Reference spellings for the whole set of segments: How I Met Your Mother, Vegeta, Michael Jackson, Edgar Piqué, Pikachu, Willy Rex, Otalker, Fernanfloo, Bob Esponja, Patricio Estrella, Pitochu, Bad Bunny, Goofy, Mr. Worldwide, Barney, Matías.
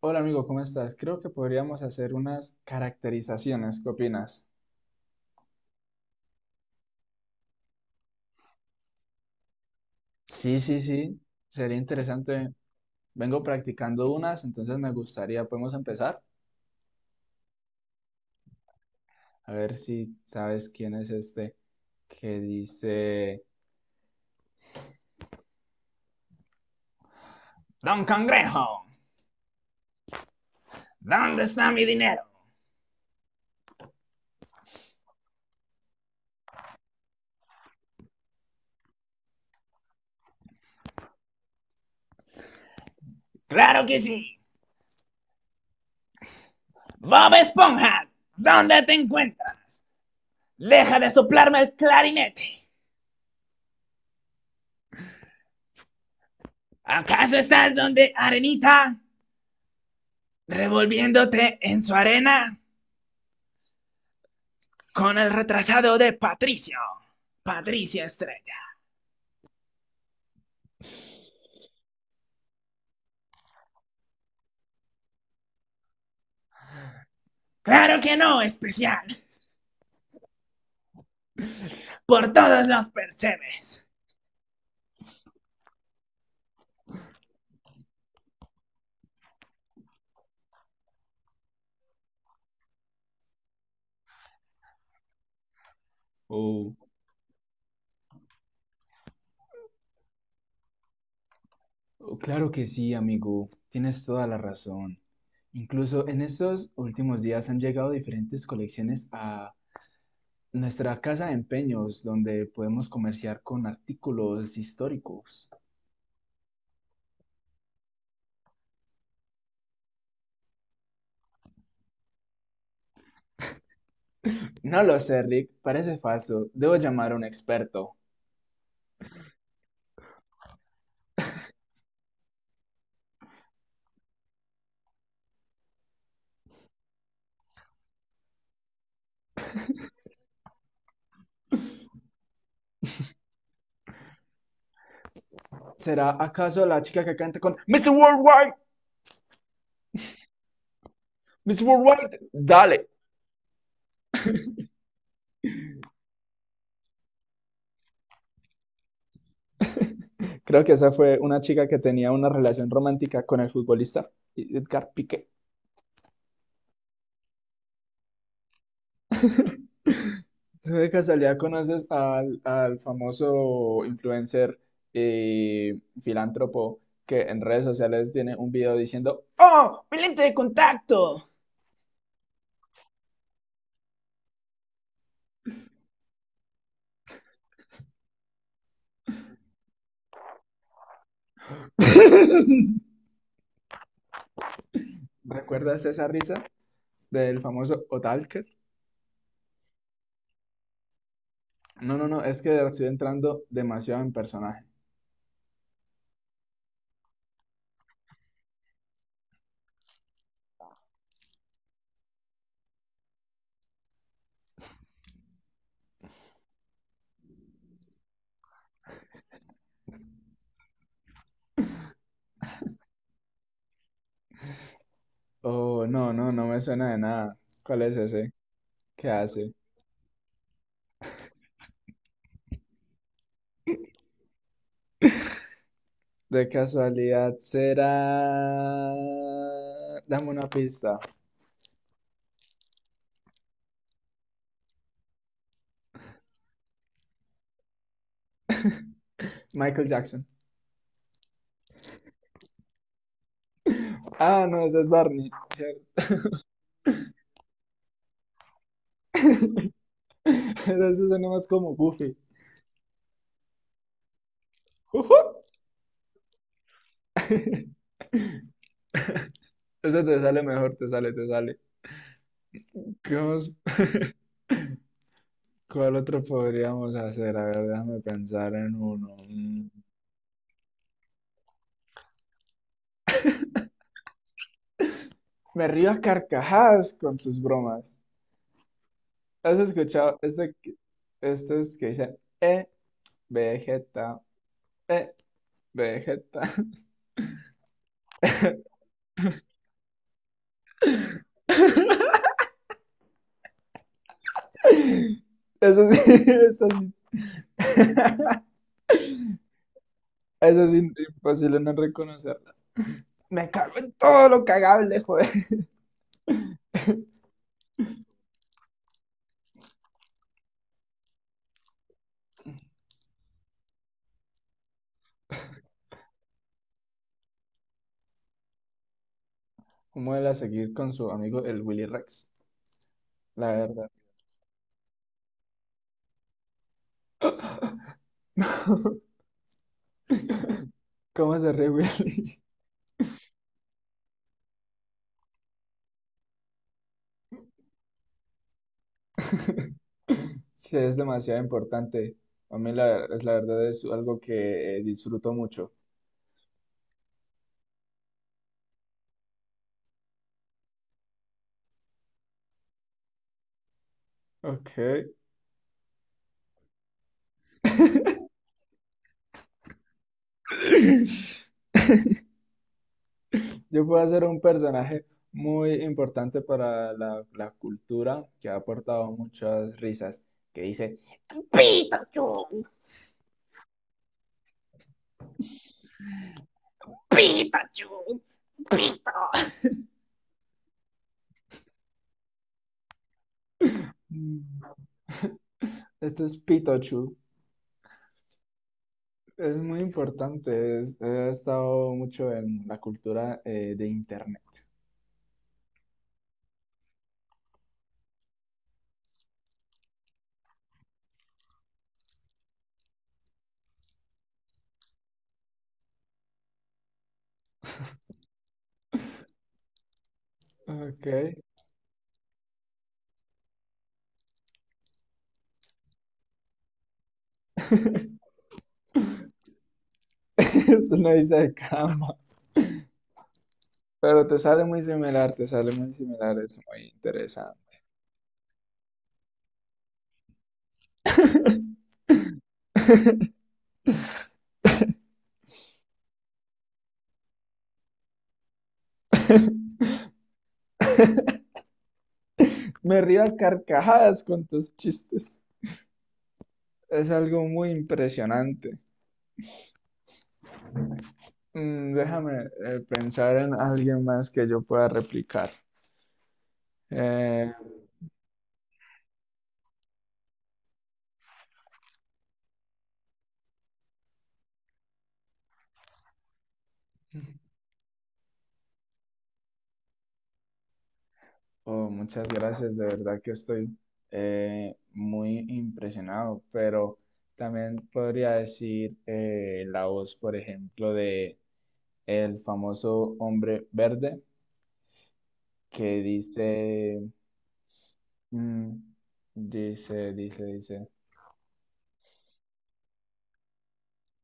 Hola amigo, ¿cómo estás? Creo que podríamos hacer unas caracterizaciones. ¿Qué opinas? Sí, sí, sí. Sería interesante. Vengo practicando unas, entonces me gustaría, podemos empezar. A ver si sabes quién es este que dice... Don Congrejo, ¿dónde está mi dinero? Claro que sí. Bob Esponja, ¿dónde te encuentras? Deja de soplarme el clarinete. ¿Acaso estás donde Arenita, revolviéndote en su arena con el retrasado de Patricio? Patricio Estrella. Claro que no, especial. Por todos los percebes. Oh, oh, claro que sí, amigo. Tienes toda la razón. Incluso en estos últimos días han llegado diferentes colecciones a nuestra casa de empeños, donde podemos comerciar con artículos históricos. No lo sé, Rick. Parece falso. Debo llamar a un experto. ¿Será acaso la chica que canta con Mr. Worldwide? Mr. Worldwide, dale. Creo que esa fue una chica que tenía una relación romántica con el futbolista Edgar Piqué. ¿Tú de casualidad conoces al famoso influencer y filántropo que en redes sociales tiene un video diciendo, ¡Oh, mi lente de contacto! ¿Recuerdas esa risa del famoso Otalker? No, no, no, es que estoy entrando demasiado en personaje. Oh, no, no, no me suena de nada. ¿Cuál es ese? ¿Qué hace? De casualidad será. Dame una pista. Michael Jackson. Ah, no, ese es Barney, ¿cierto? Eso suena más como Goofy. Ujú. Eso te sale mejor, te sale, te sale. ¿Qué más? ¿Cuál otro podríamos hacer? A ver, déjame pensar en uno. Mm. Me río a carcajadas con tus bromas. ¿Has escuchado este, estos que dicen, Vegeta, eh, Vegeta? Eso sí, eso sí. Eso es in- imposible no reconocerla. Me cago en todo lo cagable, joder. ¿Cómo él a seguir con su amigo el Willy Rex? La verdad. ¿Cómo se ríe Willy? Sí, es demasiado importante. A mí es la verdad, es algo que disfruto mucho. Ok. Yo puedo ser un personaje muy importante para la cultura que ha aportado muchas risas. Que dice, Pikachu, Pikachu, Pikachu. Mm, este es Pitochu. Es muy importante. Es- ha estado mucho en la cultura de internet. Ok. Es una isla de cama. Pero te sale muy similar, te sale muy similar. Es muy interesante. Me río a carcajadas con tus chistes. Es algo muy impresionante. Mm, déjame pensar en alguien más que yo pueda replicar. Eh, Oh, muchas gracias, de verdad que estoy muy impresionado, pero también podría decir, la voz, por ejemplo, de el famoso hombre verde que dice, mm, dice, dice, dice,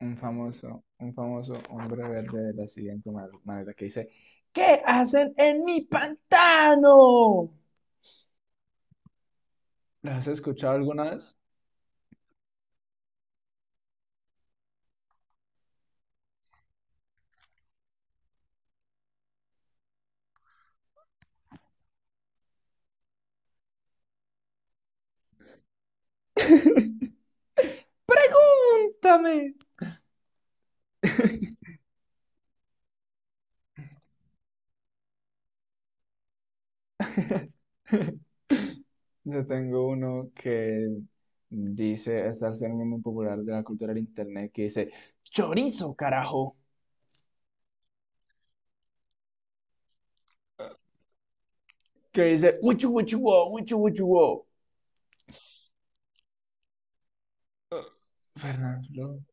un famoso hombre verde de la siguiente manera, que dice, ¿qué hacen en mi pantano? ¿Lo has escuchado alguna vez? ¡Pregúntame! Yo tengo uno que dice, es algo muy popular de la cultura del internet, que dice, chorizo, carajo. Que dice, uchu, uchu, wo, uchu, uchu, wo. Fernando, Loo.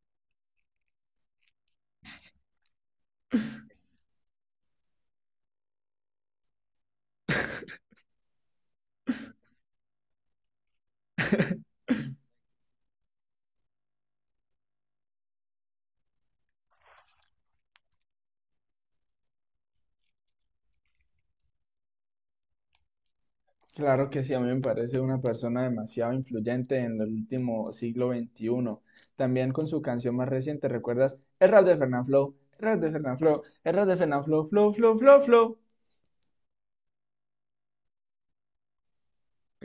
Claro que sí, a mí me parece una persona demasiado influyente en el último siglo XXI. También con su canción más reciente, ¿recuerdas? El rap de Fernanfloo, el rap de Fernanfloo, el rap de Fernanfloo, flow, flow, flow, flow.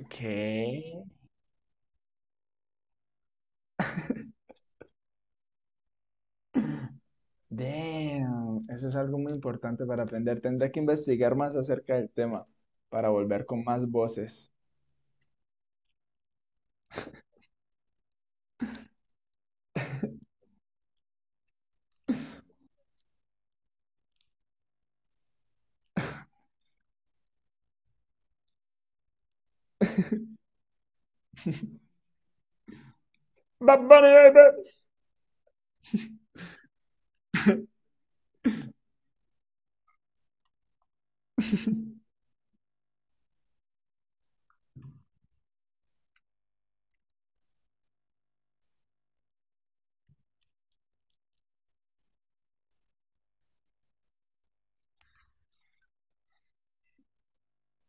¿Qué? Damn, eso es algo muy importante para aprender. Tendré que investigar más acerca del tema para volver con más voces. Bad Bunny, baby.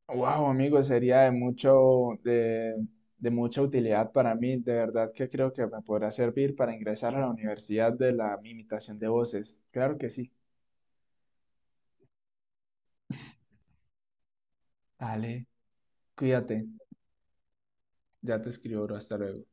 Wow, amigo, sería de mucho, de mucha utilidad para mí. De verdad que creo que me podrá servir para ingresar a la universidad de la imitación de voces. Claro que sí. Ale, cuídate. Ya te escribo, bro. Hasta luego.